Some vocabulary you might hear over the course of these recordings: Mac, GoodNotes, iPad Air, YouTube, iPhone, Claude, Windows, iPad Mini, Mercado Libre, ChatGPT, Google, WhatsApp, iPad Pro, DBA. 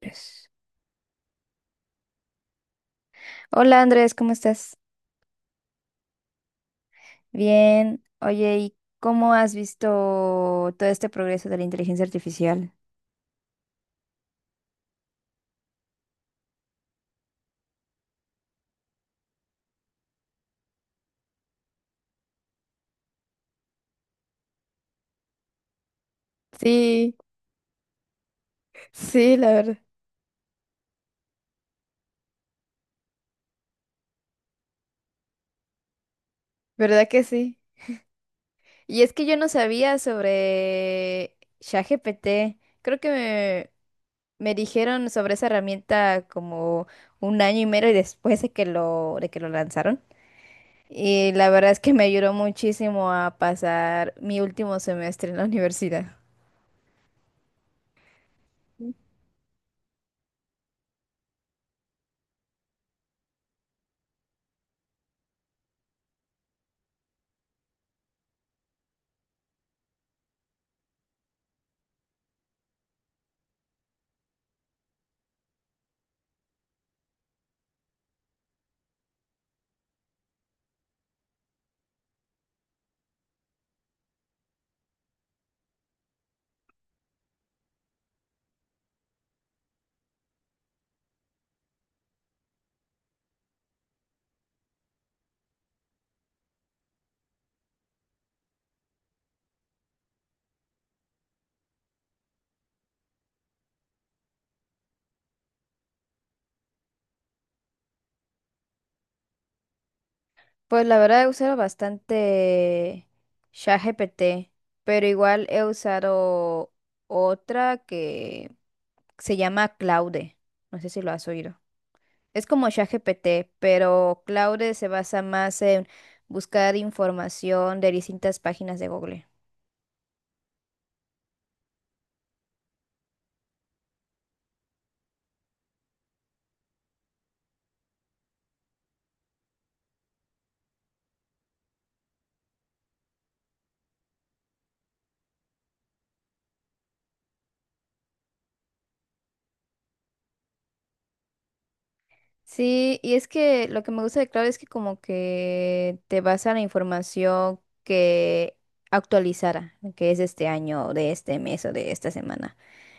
Pues, hola Andrés, ¿cómo estás? Bien. Oye, ¿y cómo has visto todo este progreso de la inteligencia artificial? Sí, sí, la verdad, verdad que sí. Y es que yo no sabía sobre ChatGPT. Creo que me dijeron sobre esa herramienta como un año y medio después de que lo lanzaron. Y la verdad es que me ayudó muchísimo a pasar mi último semestre en la universidad. Pues la verdad he usado bastante ChatGPT, pero igual he usado otra que se llama Claude. No sé si lo has oído. Es como ChatGPT, pero Claude se basa más en buscar información de distintas páginas de Google. Sí, y es que lo que me gusta de Claude es que como que te basa en la información que actualizara, que es de este año, o de este mes o de esta semana.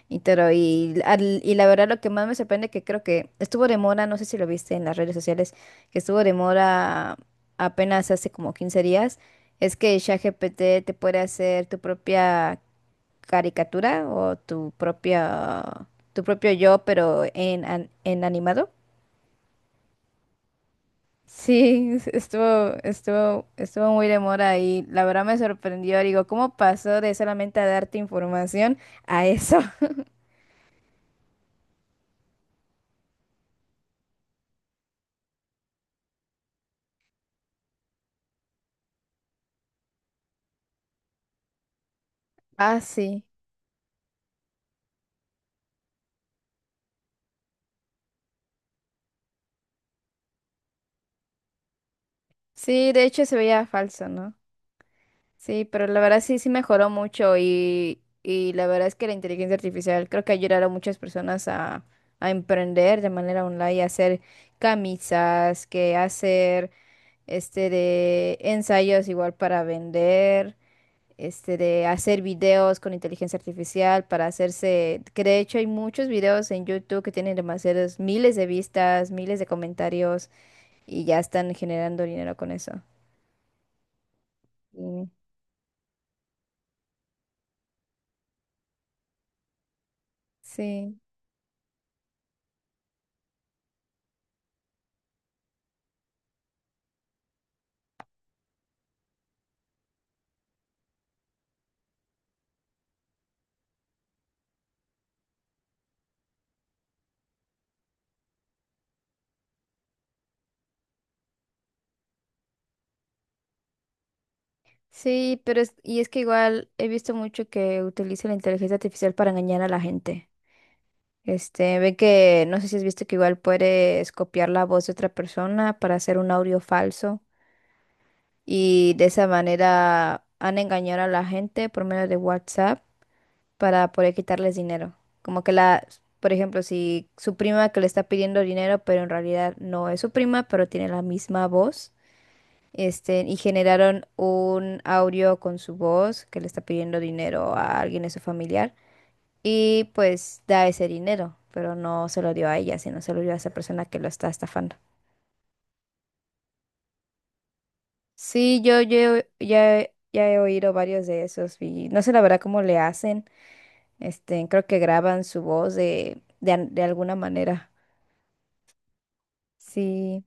Y la verdad, lo que más me sorprende, que creo que estuvo de moda, no sé si lo viste en las redes sociales, que estuvo de moda apenas hace como 15 días, es que ChatGPT te puede hacer tu propia caricatura o tu propio yo, pero en animado. Sí, estuvo muy de moda y la verdad me sorprendió. Digo, ¿cómo pasó de solamente a darte información a eso? Ah, sí. Sí, de hecho se veía falso, ¿no? Sí, pero la verdad sí, sí mejoró mucho y la verdad es que la inteligencia artificial creo que ayudará a muchas personas a emprender de manera online, a hacer camisas, que hacer este de ensayos igual para vender, este de hacer videos con inteligencia artificial para hacerse, que de hecho hay muchos videos en YouTube que tienen demasiados miles de vistas, miles de comentarios y ya están generando dinero con eso. Sí, sí, pero y es que igual he visto mucho que utiliza la inteligencia artificial para engañar a la gente. Este, ve que, no sé si has visto que igual puedes copiar la voz de otra persona para hacer un audio falso y de esa manera han engañado a la gente por medio de WhatsApp para poder quitarles dinero. Como que por ejemplo, si su prima que le está pidiendo dinero, pero en realidad no es su prima, pero tiene la misma voz. Este, y generaron un audio con su voz que le está pidiendo dinero a alguien de su familiar y pues da ese dinero, pero no se lo dio a ella, sino se lo dio a esa persona que lo está estafando. Sí, yo ya he oído varios de esos y no sé la verdad cómo le hacen. Este, creo que graban su voz de alguna manera. Sí,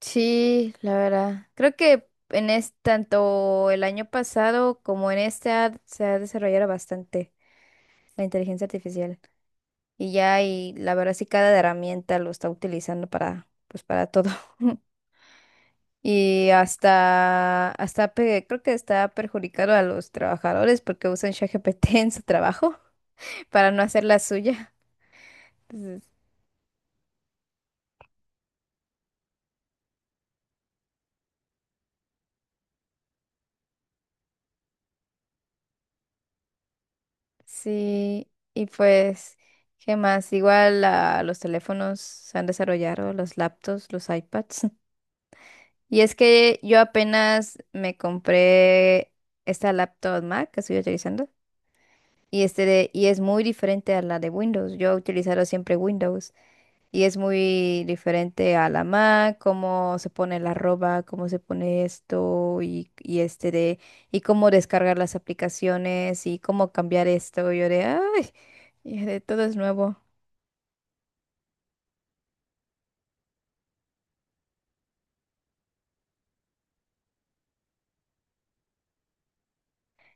sí, la verdad. Creo que tanto el año pasado como en este se ha desarrollado bastante la inteligencia artificial. Y ya, y la verdad sí cada herramienta lo está utilizando para, pues para todo. Y creo que está perjudicando a los trabajadores porque usan ChatGPT en su trabajo para no hacer la suya. Entonces, sí, y pues, ¿qué más? Igual los teléfonos se han desarrollado, los laptops, los iPads. Y es que yo apenas me compré esta laptop Mac que estoy utilizando. Y es muy diferente a la de Windows. Yo he utilizado siempre Windows. Y es muy diferente a la Mac, cómo se pone la arroba, cómo se pone esto y, y cómo descargar las aplicaciones y cómo cambiar esto. Y de todo es nuevo.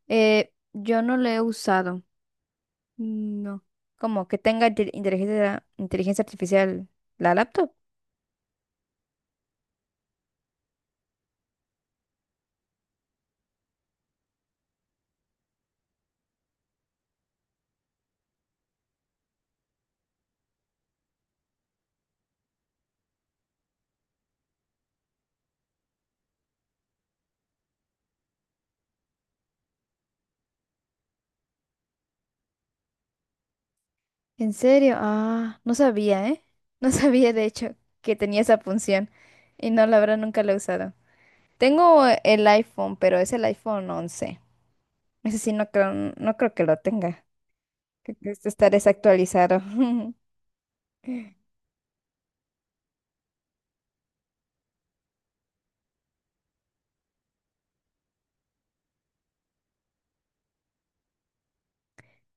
Yo no lo he usado. No. Como que tenga inteligencia artificial la laptop. ¿En serio? Ah, no sabía, ¿eh? No sabía, de hecho, que tenía esa función. Y no, la verdad, nunca la he usado. Tengo el iPhone, pero es el iPhone 11. Ese sí, no creo que lo tenga. Creo que este está desactualizado.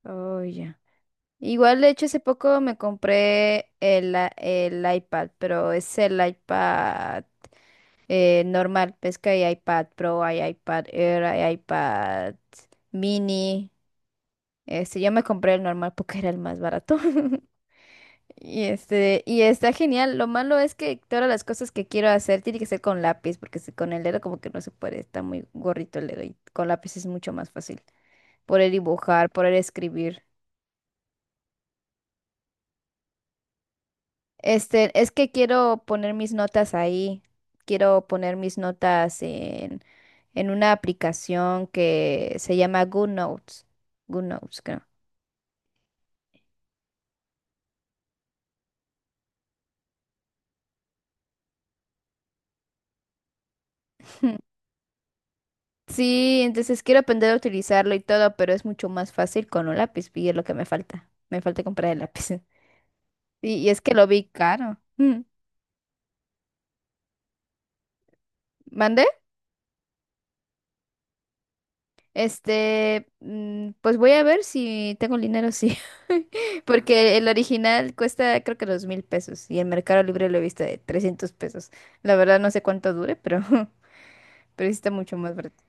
Oh, ya. Igual, de hecho, hace poco me compré el iPad, pero es el iPad normal. Ves que hay iPad Pro, hay iPad Air, hay iPad Mini. Este, yo me compré el normal porque era el más barato. Y está genial. Lo malo es que todas las cosas que quiero hacer tiene que ser con lápiz, porque si con el dedo como que no se puede, está muy gorrito el dedo y con lápiz es mucho más fácil poder dibujar, poder escribir. Este, es que quiero poner mis notas ahí. Quiero poner mis notas en una aplicación que se llama GoodNotes. GoodNotes, creo. Sí, entonces quiero aprender a utilizarlo y todo, pero es mucho más fácil con un lápiz y es lo que me falta. Me falta comprar el lápiz. Y es que lo vi caro. Mm. ¿Mandé? Este, pues voy a ver si tengo el dinero, sí. Porque el original cuesta creo que 2,000 pesos y en Mercado Libre lo he visto de 300 pesos. La verdad no sé cuánto dure, pero, pero sí está mucho más barato.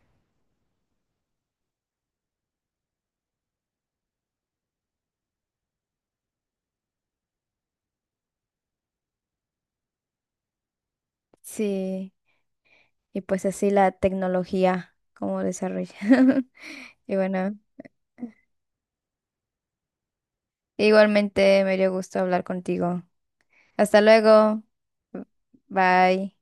Sí, y pues así la tecnología, cómo desarrolla. Y bueno. Igualmente me dio gusto hablar contigo. Hasta luego. Bye.